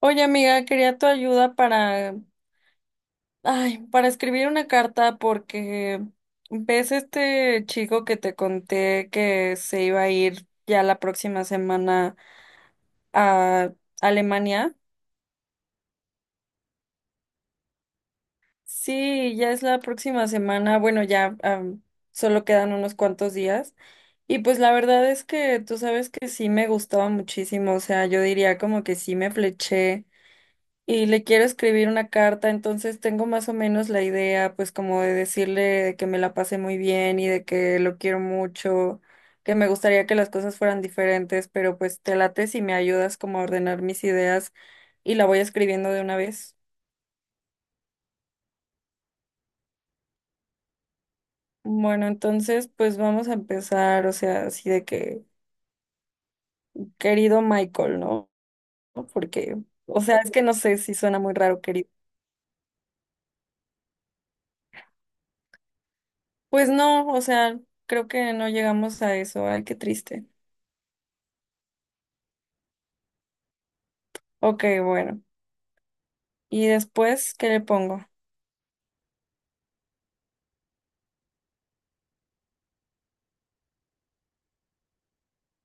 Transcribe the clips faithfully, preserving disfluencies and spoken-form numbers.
Oye, amiga, quería tu ayuda para, ay, para escribir una carta porque ves este chico que te conté que se iba a ir ya la próxima semana a Alemania. Sí, ya es la próxima semana. Bueno, ya am, solo quedan unos cuantos días. Y pues la verdad es que tú sabes que sí me gustaba muchísimo. O sea, yo diría como que sí me fleché y le quiero escribir una carta, entonces tengo más o menos la idea, pues como de decirle de que me la pasé muy bien y de que lo quiero mucho, que me gustaría que las cosas fueran diferentes, pero pues te late si me ayudas como a ordenar mis ideas y la voy escribiendo de una vez. Bueno, entonces pues vamos a empezar, o sea, así de que, querido Michael, ¿no? Porque, o sea, es que no sé si suena muy raro, querido. Pues no, o sea, creo que no llegamos a eso, ay, qué triste. Ok, bueno. Y después, ¿qué le pongo?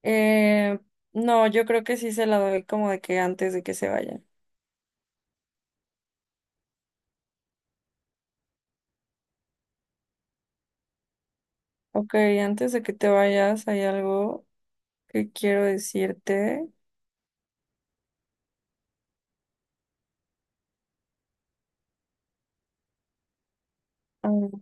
Eh, no, yo creo que sí se la doy como de que antes de que se vayan. Ok, antes de que te vayas, hay algo que quiero decirte. Ah,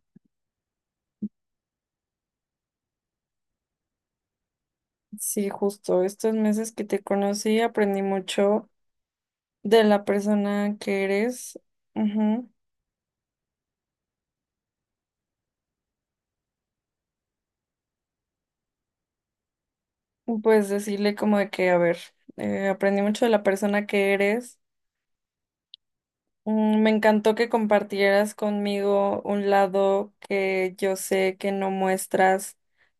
sí, justo, estos meses que te conocí aprendí mucho de la persona que eres. Ujú. Pues decirle como de que, a ver, eh, aprendí mucho de la persona que eres. Mm, me encantó que compartieras conmigo un lado que yo sé que no muestras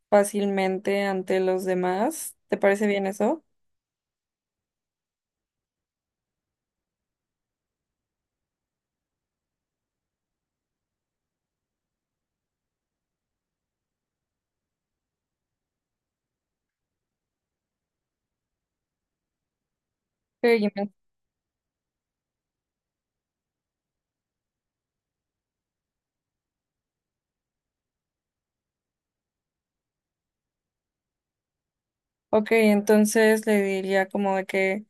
fácilmente ante los demás. ¿Te parece bien eso? Sí, me- Ok, entonces le diría como de que,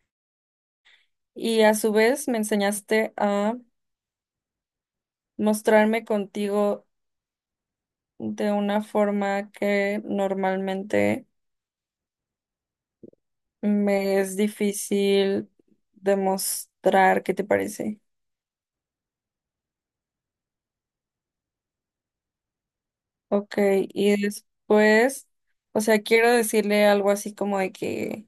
y a su vez me enseñaste a mostrarme contigo de una forma que normalmente me es difícil demostrar. ¿Qué te parece? Ok, y después, o sea, quiero decirle algo así como de que,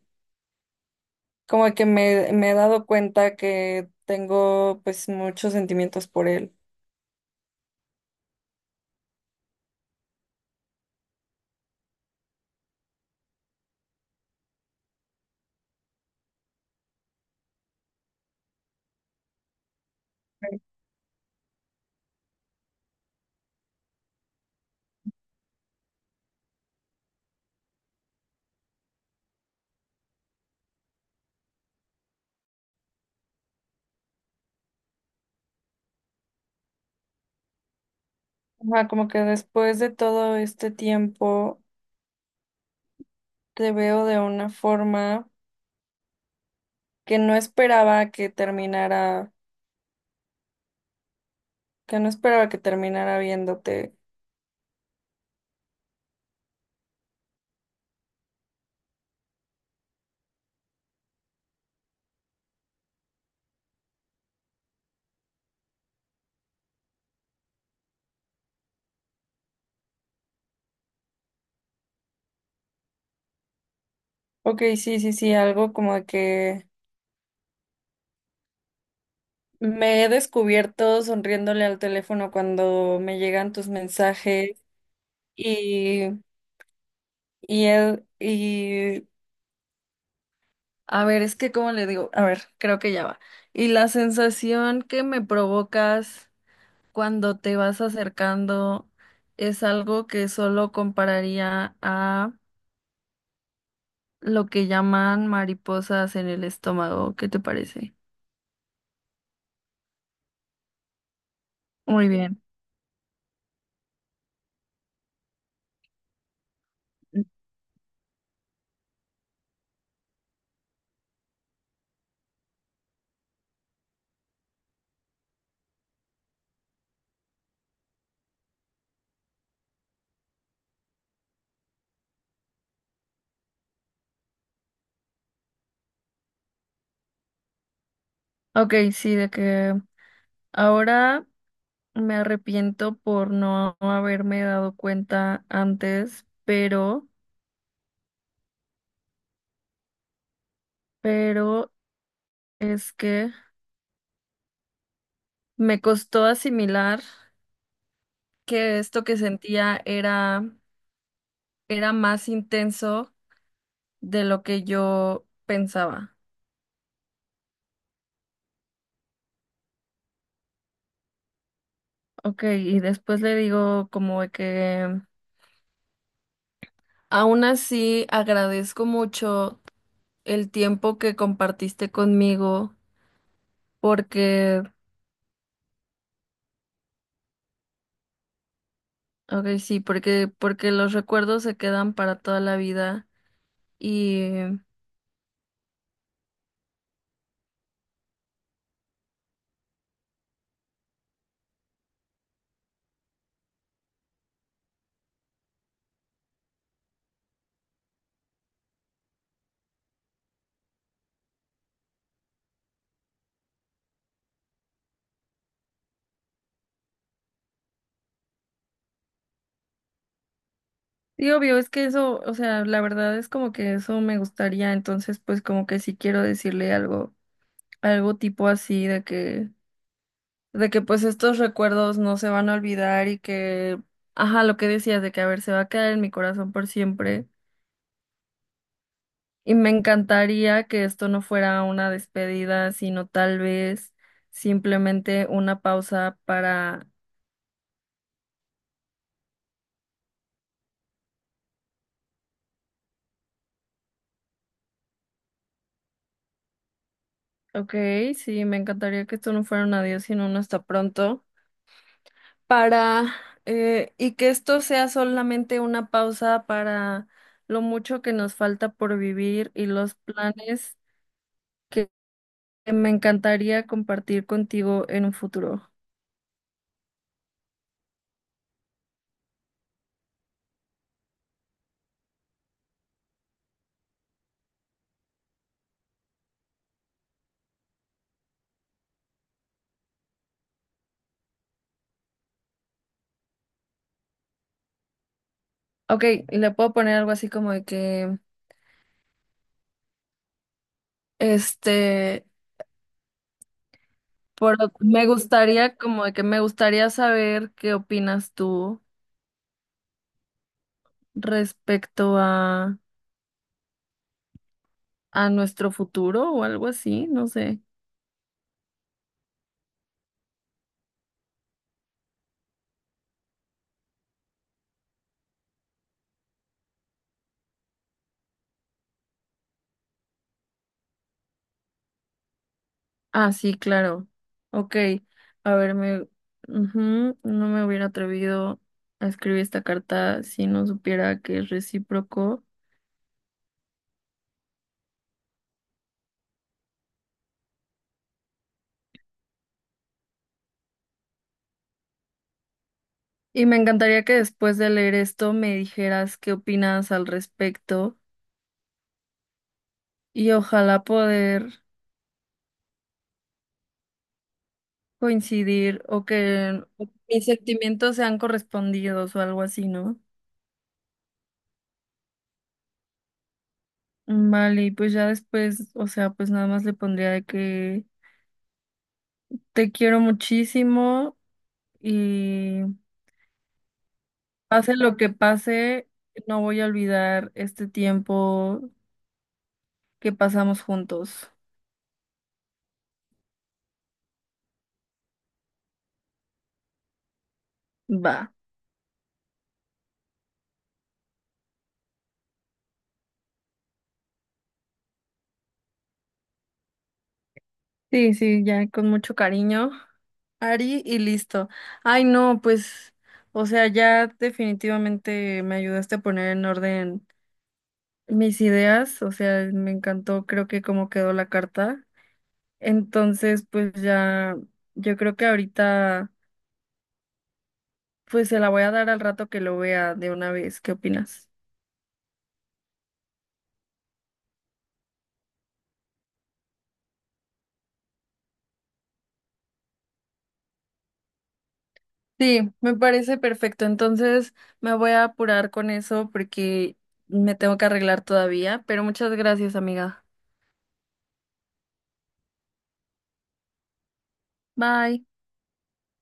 como de que me, me he dado cuenta que tengo pues muchos sentimientos por él. Ajá, como que después de todo este tiempo te veo de una forma que no esperaba que terminara, que no esperaba que terminara viéndote. Ok, sí, sí, sí, algo como de que me he descubierto sonriéndole al teléfono cuando me llegan tus mensajes. Y él, y a ver, es que cómo le digo, a ver, creo que ya va. Y la sensación que me provocas cuando te vas acercando es algo que solo compararía a lo que llaman mariposas en el estómago. ¿Qué te parece? Muy bien. Ok, sí, de que ahora me arrepiento por no haberme dado cuenta antes, pero, pero es que me costó asimilar. Que esto que sentía era, era más intenso de lo que yo pensaba. Ok, y después le digo como de que aún así agradezco mucho el tiempo que compartiste conmigo porque, ok, sí, porque, porque los recuerdos se quedan para toda la vida y... Y obvio, es que eso, o sea, la verdad es como que eso me gustaría, entonces pues como que sí quiero decirle algo, algo tipo así de que de que pues estos recuerdos no se van a olvidar y que, ajá, lo que decías de que, a ver, se va a quedar en mi corazón por siempre. Y me encantaría que esto no fuera una despedida, sino tal vez simplemente una pausa para, ok, sí, me encantaría que esto no fuera un adiós, sino un hasta pronto, para, eh, y que esto sea solamente una pausa para lo mucho que nos falta por vivir y los planes me encantaría compartir contigo en un futuro. Ok, le puedo poner algo así como de que, este, por, me gustaría, como de que me gustaría saber qué opinas tú respecto a, a nuestro futuro o algo así, no sé. Ah, sí, claro. Ok, a ver, me, ujú, no me hubiera atrevido a escribir esta carta si no supiera que es recíproco. Y me encantaría que después de leer esto me dijeras qué opinas al respecto y ojalá poder coincidir o que mis sentimientos sean correspondidos o algo así, ¿no? Vale, y pues ya después, o sea, pues nada más le pondría de que te quiero muchísimo y pase lo que pase, no voy a olvidar este tiempo que pasamos juntos. Va. Sí, sí, ya con mucho cariño. Ari y listo. Ay, no, pues, o sea, ya definitivamente me ayudaste a poner en orden mis ideas, o sea, me encantó, creo que cómo quedó la carta. Entonces, pues ya, yo creo que ahorita, pues se la voy a dar al rato que lo vea de una vez. ¿Qué opinas? Sí, me parece perfecto. Entonces, me voy a apurar con eso porque me tengo que arreglar todavía, pero muchas gracias, amiga. Bye.